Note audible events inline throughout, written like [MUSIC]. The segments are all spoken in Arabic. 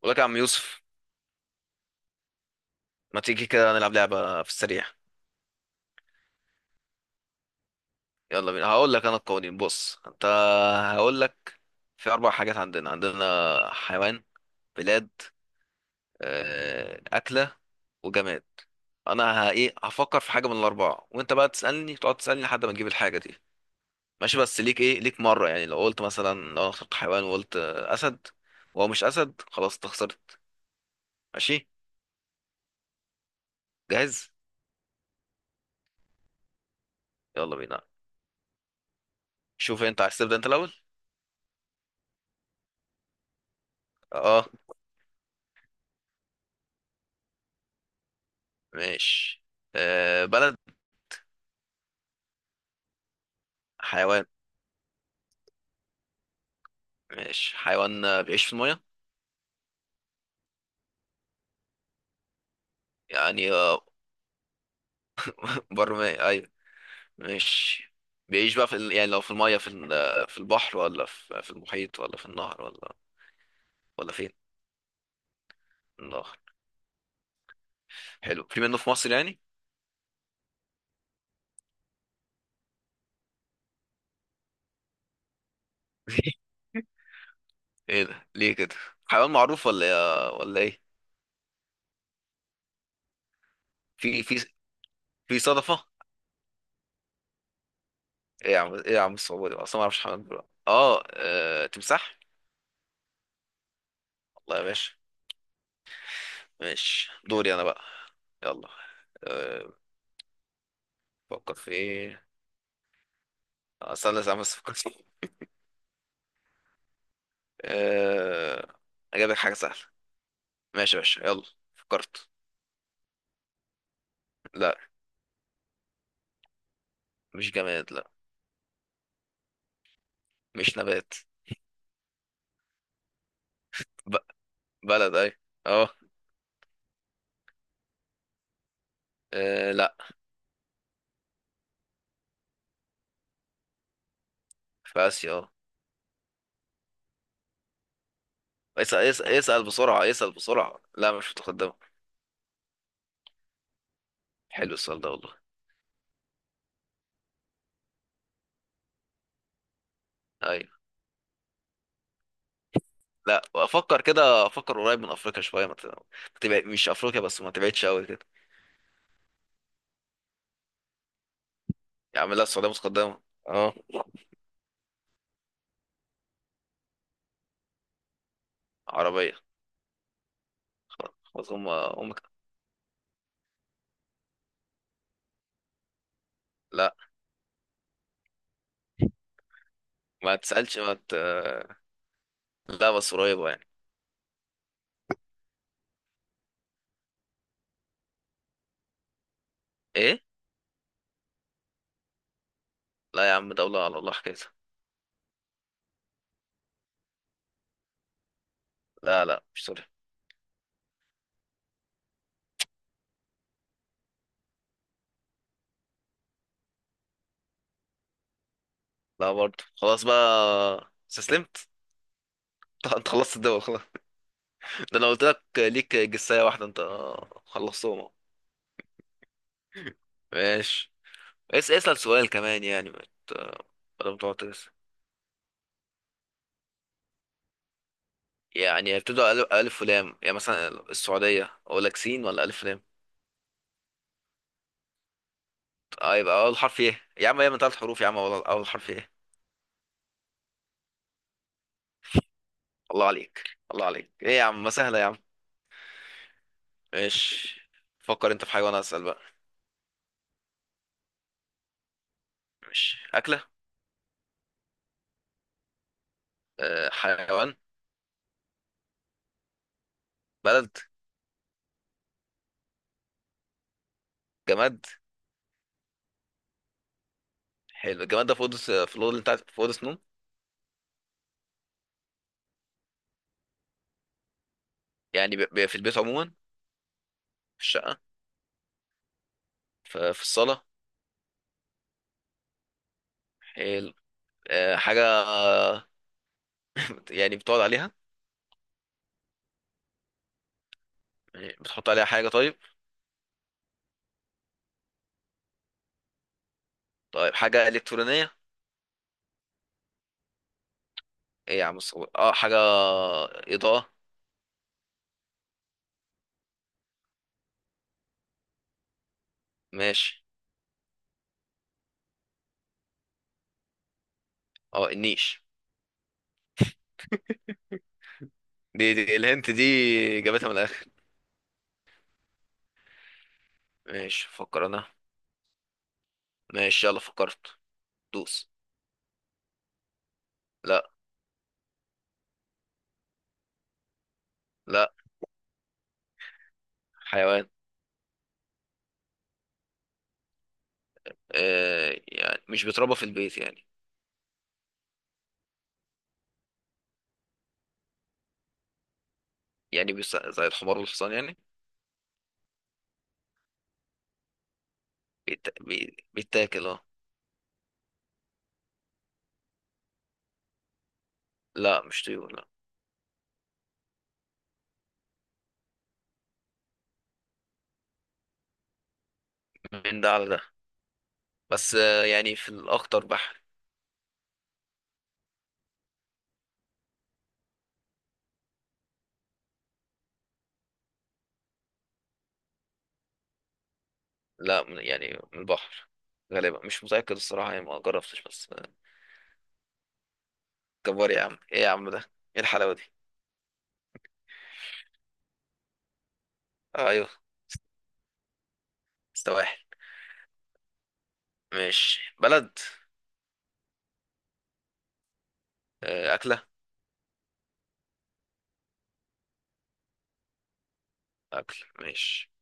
بقول لك يا عم يوسف. ما تيجي كده نلعب لعبة في السريع؟ يلا بينا، هقول لك انا القوانين. بص انت، هقول لك في اربع حاجات عندنا: حيوان، بلاد، اكلة، وجماد. انا ه- ايه هفكر في حاجة من الاربعة، وانت بقى تقعد تسألني لحد ما تجيب الحاجة دي. ماشي؟ بس ليك ايه، ليك مرة. يعني لو قلت مثلا، لو انا اخترت حيوان وقلت اسد، وهو مش اسد، خلاص انت خسرت. ماشي؟ جاهز؟ يلا بينا. شوف انت عايز تبدأ انت الاول. اه، ماشي. بلد؟ حيوان؟ ماشي حيوان. بيعيش في المية؟ يعني [LAUGHS] بر مية، أيوة. ماشي. بيعيش بقى يعني لو في المية، في ال... آه، في البحر، في المحيط، ولا في النهر، ولا فين؟ النهر. حلو، في منه في مصر يعني؟ [LAUGHS] ايه ده ليه كده؟ حيوان معروف ولا ايه؟ في في في صدفة؟ ايه يا عم، ايه يا عم، الصعوبة دي اصلا، ما اعرفش حيوان بقى. تمساح. الله يا باشا. ماشي، دوري انا بقى. يلا. آه، بفكر في ايه. استنى استنى بس افكر. أه... أجيب لك حاجة سهلة. ماشي يا باشا، يلا فكرت. لا. مش جماد، لا. مش نبات. ب... بلد، أي. أه لا. في آسيا، اسأل، اسأل بسرعة، لا مش متقدمة. حلو السؤال ده والله. أيوة. لا أفكر كده، قريب من أفريقيا شوية، ما تبعد. مش أفريقيا، بس ما تبعدش أوي كده. يا عم لا، السعودية متقدمة. أه. عربية. خلاص، لا. ما تسألش ما ت... لا، بس قريبة يعني. إيه؟ لا يا عم، دولة على الله حكاية. لا لا، مش سوريا. لا برضه، خلاص بقى استسلمت. [LAUGHS] انت خلصت الدول خلاص. ده انا قلت لك ليك جساية واحدة انت، خلصتهم أهو. ماشي. اسأل سؤال كمان يعني، ما ت- بدل ما تقعد تجس. يعني يبتدوا ألف ولام يعني؟ مثلا السعودية، أقول لك سين ولا ألف ولام؟ يبقى أول حرف إيه؟ يا عم هي من ثلاث حروف يا عم، أول حرف إيه؟ الله عليك، الله عليك. إيه يا عم، ما سهلة يا عم. ماشي، فكر أنت في حيوان، أسأل بقى. ماشي. أكلة؟ حيوان؟ بلد؟ جماد؟ حلو. الجمال ده في اوضه، في الاوضه اللي انت في اوضه نوم؟ يعني في البيت عموما، في الشقه، في الصاله. حلو. حاجه؟ [LAUGHS] يعني بتقعد عليها؟ يعني بتحط عليها حاجه؟ طيب، طيب حاجه الكترونيه؟ ايه يا عم، الصور، حاجه اضاءه؟ ماشي، اه النيش. دي الهنت دي، جابتها من الاخر. ماشي، فكر انا. ماشي يلا فكرت. دوس. لا. لا. حيوان. آه، يعني مش بيتربى في البيت يعني؟ يعني زي الحمار والحصان يعني؟ بيتاكل، لا مش طيور لا. من ده على ده، بس يعني في الأخطر بحر. لا، من البحر غالبا، مش متأكد الصراحة يعني، ما جربتش بس كبار يا عم، ايه يا عم ده؟ ايه الحلاوة دي؟ ايوه. سواحل. ماشي. بلد؟ أكلة؟ أكل، ماشي.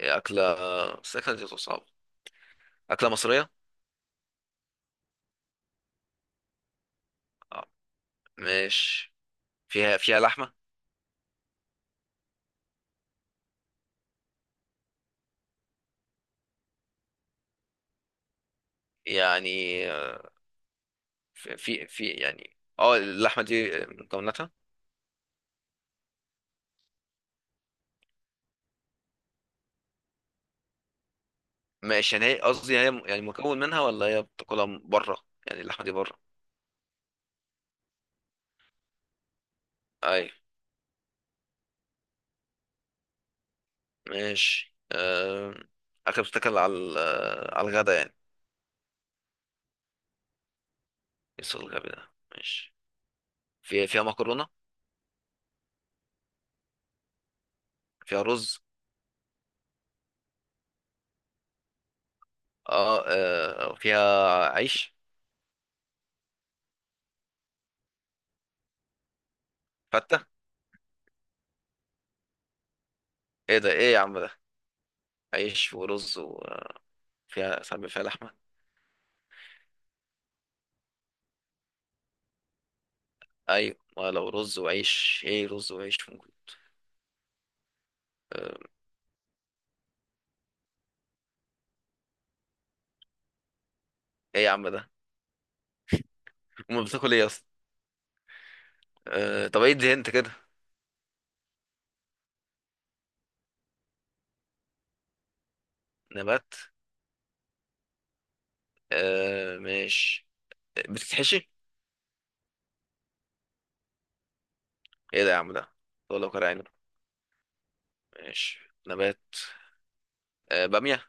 إيه أكلة، بس الأكلة دي بتبقى صعبة. أكلة مصرية. آه، ماشي. فيها لحمة. يعني يعني اللحمة دي من مكوناتها. ماشي، يعني هي قصدي، يعني هي يعني مكون منها، ولا هي بتاكلها بره؟ يعني اللحمه دي بره. اي، ماشي. اكل بتتاكل على على الغدا يعني؟ يسوع الغبي ده. ماشي. فيها مكرونه؟ فيها رز؟ فيها عيش؟ فته؟ ايه ده، ايه يا عم ده؟ عيش ورز، وفيها ساعات بيبقى فيها لحمه. ايوه، ما لو رز وعيش، ايه، رز وعيش ممكن. آه... ايه يا عم ده؟ [LAUGHS] امال بتاكل ايه اصلا؟ طب ايه دي انت كده. نبات. ماشي. بتتحشي؟ ايه ده يا عم ده؟ طول، لو كان عنب. ماشي، نبات. بامية؟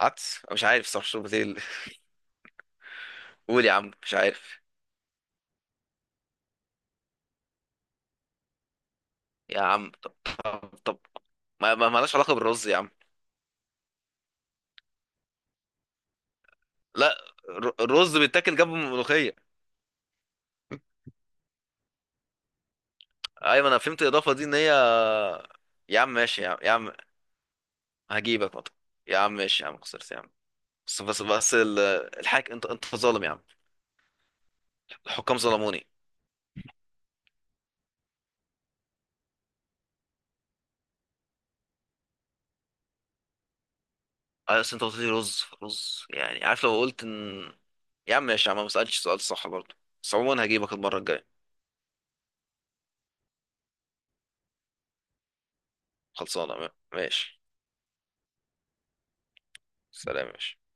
عدس؟ أنا مش عارف صراحة، شرب بتقول؟ [LAUGHS] قول يا عم، مش عارف. يا عم طب، طب، ما مالهاش علاقة بالرز يا عم. لا، الرز بيتاكل جنب الملوخية. ايوه انا فهمت الإضافة دي ان هي. يا عم ماشي يا عم، يا عم هجيبك مطر. يا عم ماشي يا عم، خسرت يا عم. بس بس بس الحاج، انت ظالم يا عم. الحكام ظلموني. اصل انت قلت لي رز، يعني عارف، لو قلت ان. يا عم ماشي يا عم، ما سألتش سؤال صح برضه. بس عموما هجيبك المرة الجاية. خلصانة ماشي. سلام يا باشا.